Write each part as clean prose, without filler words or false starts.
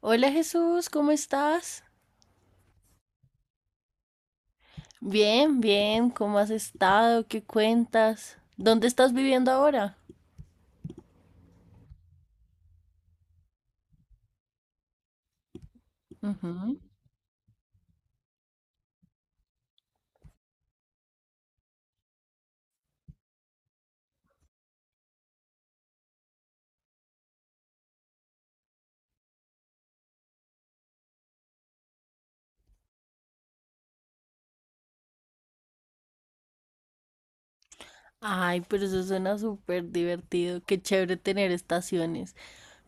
Hola Jesús, ¿cómo estás? Bien, bien, ¿cómo has estado? ¿Qué cuentas? ¿Dónde estás viviendo ahora? Ujú. Ay, pero eso suena súper divertido, qué chévere tener estaciones.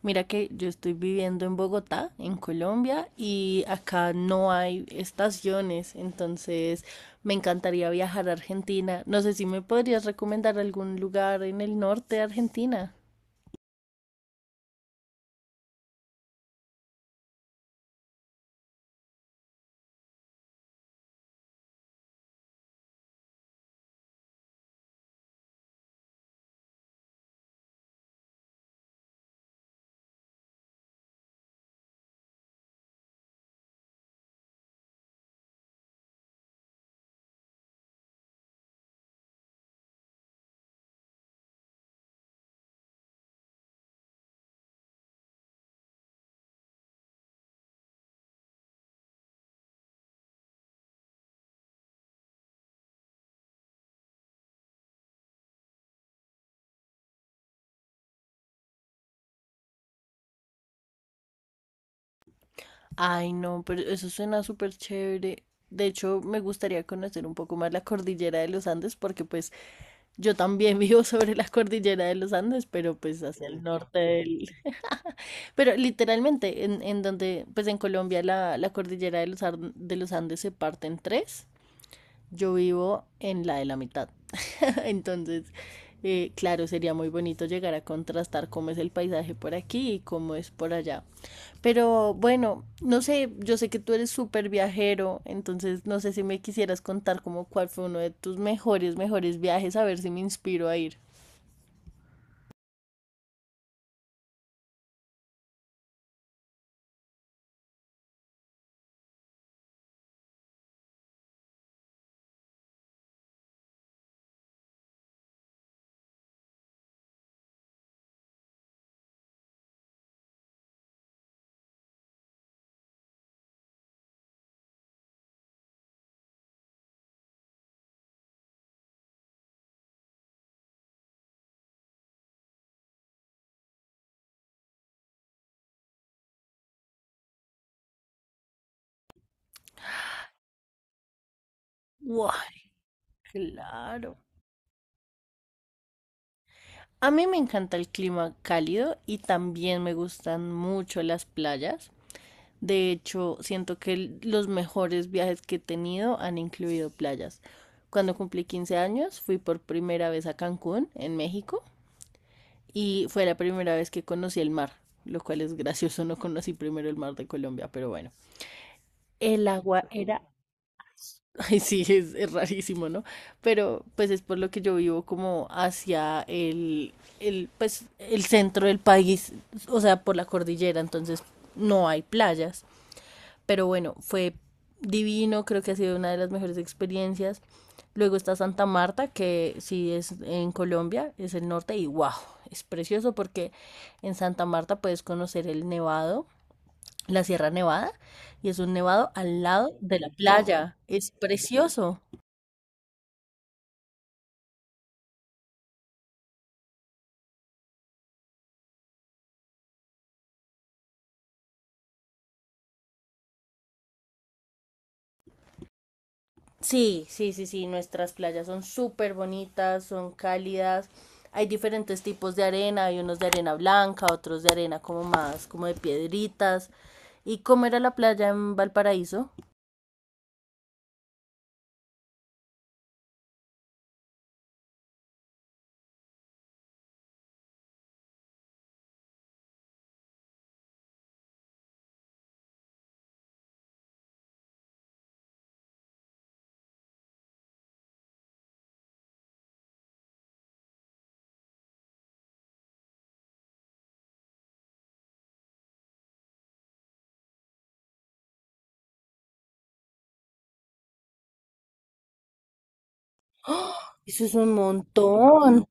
Mira que yo estoy viviendo en Bogotá, en Colombia, y acá no hay estaciones, entonces me encantaría viajar a Argentina. No sé si me podrías recomendar algún lugar en el norte de Argentina. Ay, no, pero eso suena súper chévere. De hecho, me gustaría conocer un poco más la cordillera de los Andes, porque pues yo también vivo sobre la cordillera de los Andes, pero pues hacia el norte del... Pero literalmente, en donde, pues en Colombia la cordillera de los, de los Andes se parte en tres, yo vivo en la de la mitad. Entonces, claro, sería muy bonito llegar a contrastar cómo es el paisaje por aquí y cómo es por allá. Pero bueno, no sé, yo sé que tú eres súper viajero, entonces no sé si me quisieras contar como cuál fue uno de tus mejores viajes, a ver si me inspiro a ir. Wow, claro. A mí me encanta el clima cálido y también me gustan mucho las playas. De hecho, siento que los mejores viajes que he tenido han incluido playas. Cuando cumplí 15 años, fui por primera vez a Cancún, en México, y fue la primera vez que conocí el mar, lo cual es gracioso, no conocí primero el mar de Colombia, pero bueno. El agua era... Ay, sí, es rarísimo, ¿no? Pero pues es por lo que yo vivo como hacia pues, el centro del país, o sea, por la cordillera, entonces no hay playas. Pero bueno, fue divino, creo que ha sido una de las mejores experiencias. Luego está Santa Marta, que sí es en Colombia, es el norte, y wow, es precioso porque en Santa Marta puedes conocer el nevado, la Sierra Nevada, y es un nevado al lado de la playa. Es precioso. Sí, sí, sí, sí, nuestras playas son súper bonitas, son cálidas. Hay diferentes tipos de arena, hay unos de arena blanca, otros de arena como más, como de piedritas. ¿Y cómo era la playa en Valparaíso? Eso es un montón.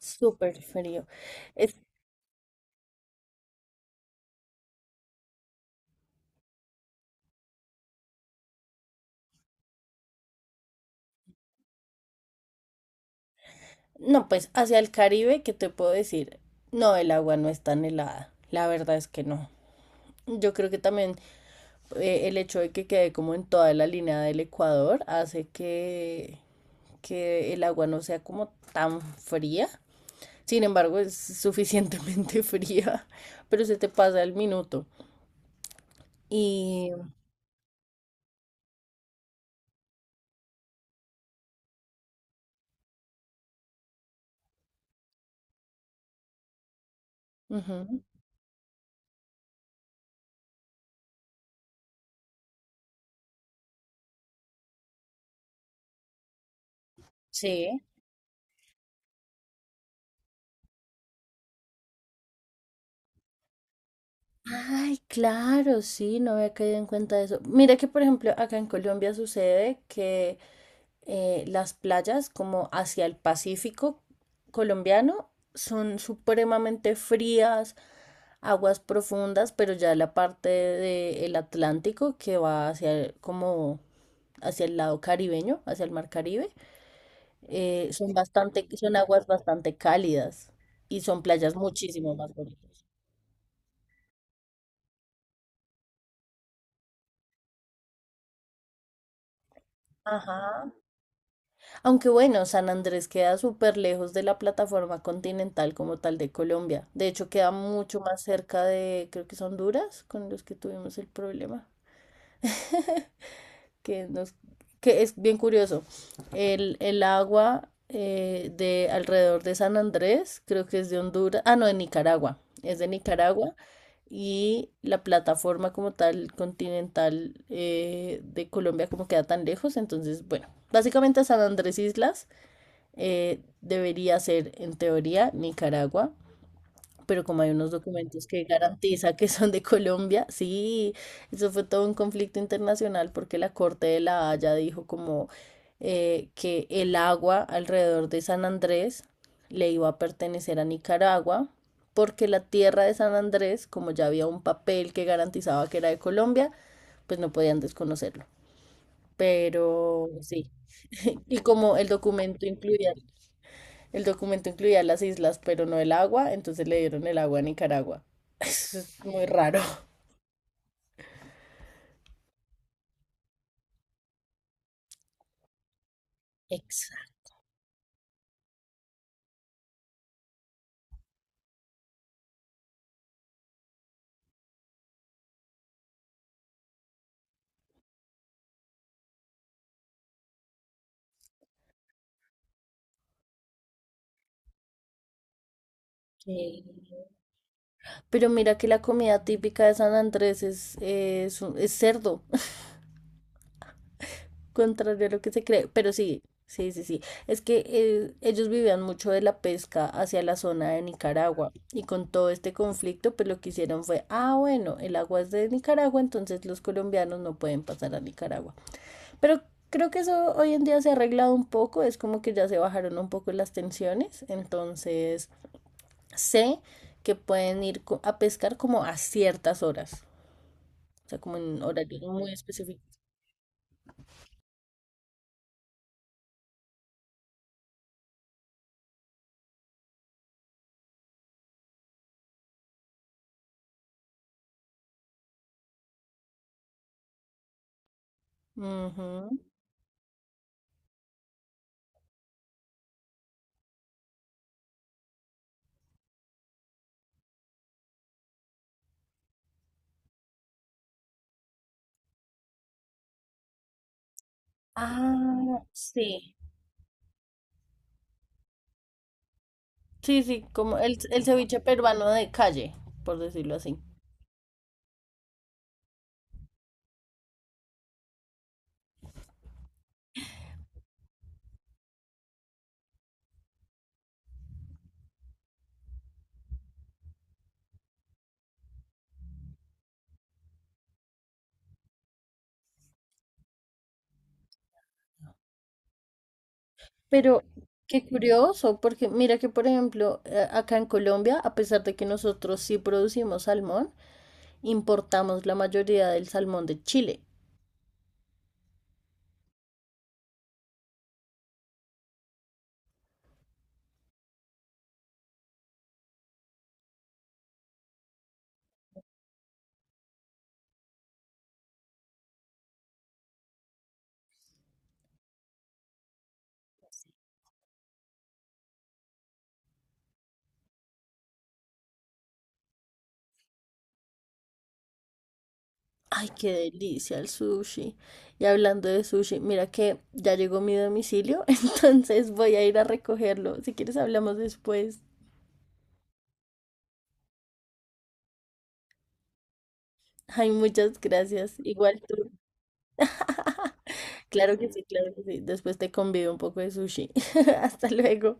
Súper frío. Es- no, pues hacia el Caribe, ¿qué te puedo decir? No, el agua no es tan helada. La verdad es que no. Yo creo que también el hecho de que quede como en toda la línea del Ecuador hace que el agua no sea como tan fría. Sin embargo, es suficientemente fría, pero se te pasa el minuto. Y... ujú, sí. Ay, claro, sí, no había caído en cuenta de eso. Mira que, por ejemplo, acá en Colombia sucede que las playas como hacia el Pacífico colombiano son supremamente frías, aguas profundas, pero ya la parte del Atlántico que va hacia como hacia el lado caribeño, hacia el mar Caribe, son bastante, son aguas bastante cálidas y son playas muchísimo más bonitas. Ajá. Aunque bueno, San Andrés queda súper lejos de la plataforma continental como tal de Colombia. De hecho, queda mucho más cerca de, creo que es Honduras, con los que tuvimos el problema, que nos, que es bien curioso. El agua de alrededor de San Andrés, creo que es de Honduras, ah, no, de Nicaragua, es de Nicaragua. Y la plataforma como tal continental de Colombia como queda tan lejos, entonces, bueno, básicamente San Andrés Islas debería ser en teoría Nicaragua, pero como hay unos documentos que garantiza que son de Colombia, sí, eso fue todo un conflicto internacional porque la Corte de La Haya dijo como que el agua alrededor de San Andrés le iba a pertenecer a Nicaragua. Porque la tierra de San Andrés, como ya había un papel que garantizaba que era de Colombia, pues no podían desconocerlo. Pero sí, y como el documento incluía las islas, pero no el agua, entonces le dieron el agua a Nicaragua. Eso es muy raro. Exacto. Pero mira que la comida típica de San Andrés es cerdo, contrario a lo que se cree. Pero sí, sí, sí, sí. Es que ellos vivían mucho de la pesca hacia la zona de Nicaragua. Y con todo este conflicto, pues lo que hicieron fue, ah, bueno, el agua es de Nicaragua, entonces los colombianos no pueden pasar a Nicaragua. Pero creo que eso hoy en día se ha arreglado un poco, es como que ya se bajaron un poco las tensiones, entonces sé que pueden ir a pescar como a ciertas horas, o sea, como en horarios muy específicos. Ujú. Ah, sí. Sí, sí, como el ceviche peruano de calle, por decirlo así. Pero qué curioso, porque mira que, por ejemplo, acá en Colombia, a pesar de que nosotros sí producimos salmón, importamos la mayoría del salmón de Chile. Ay, qué delicia el sushi. Y hablando de sushi, mira que ya llegó mi domicilio, entonces voy a ir a recogerlo. Si quieres, hablamos después. Ay, muchas gracias. Igual tú. Claro que sí, claro que sí. Después te convido un poco de sushi. Hasta luego.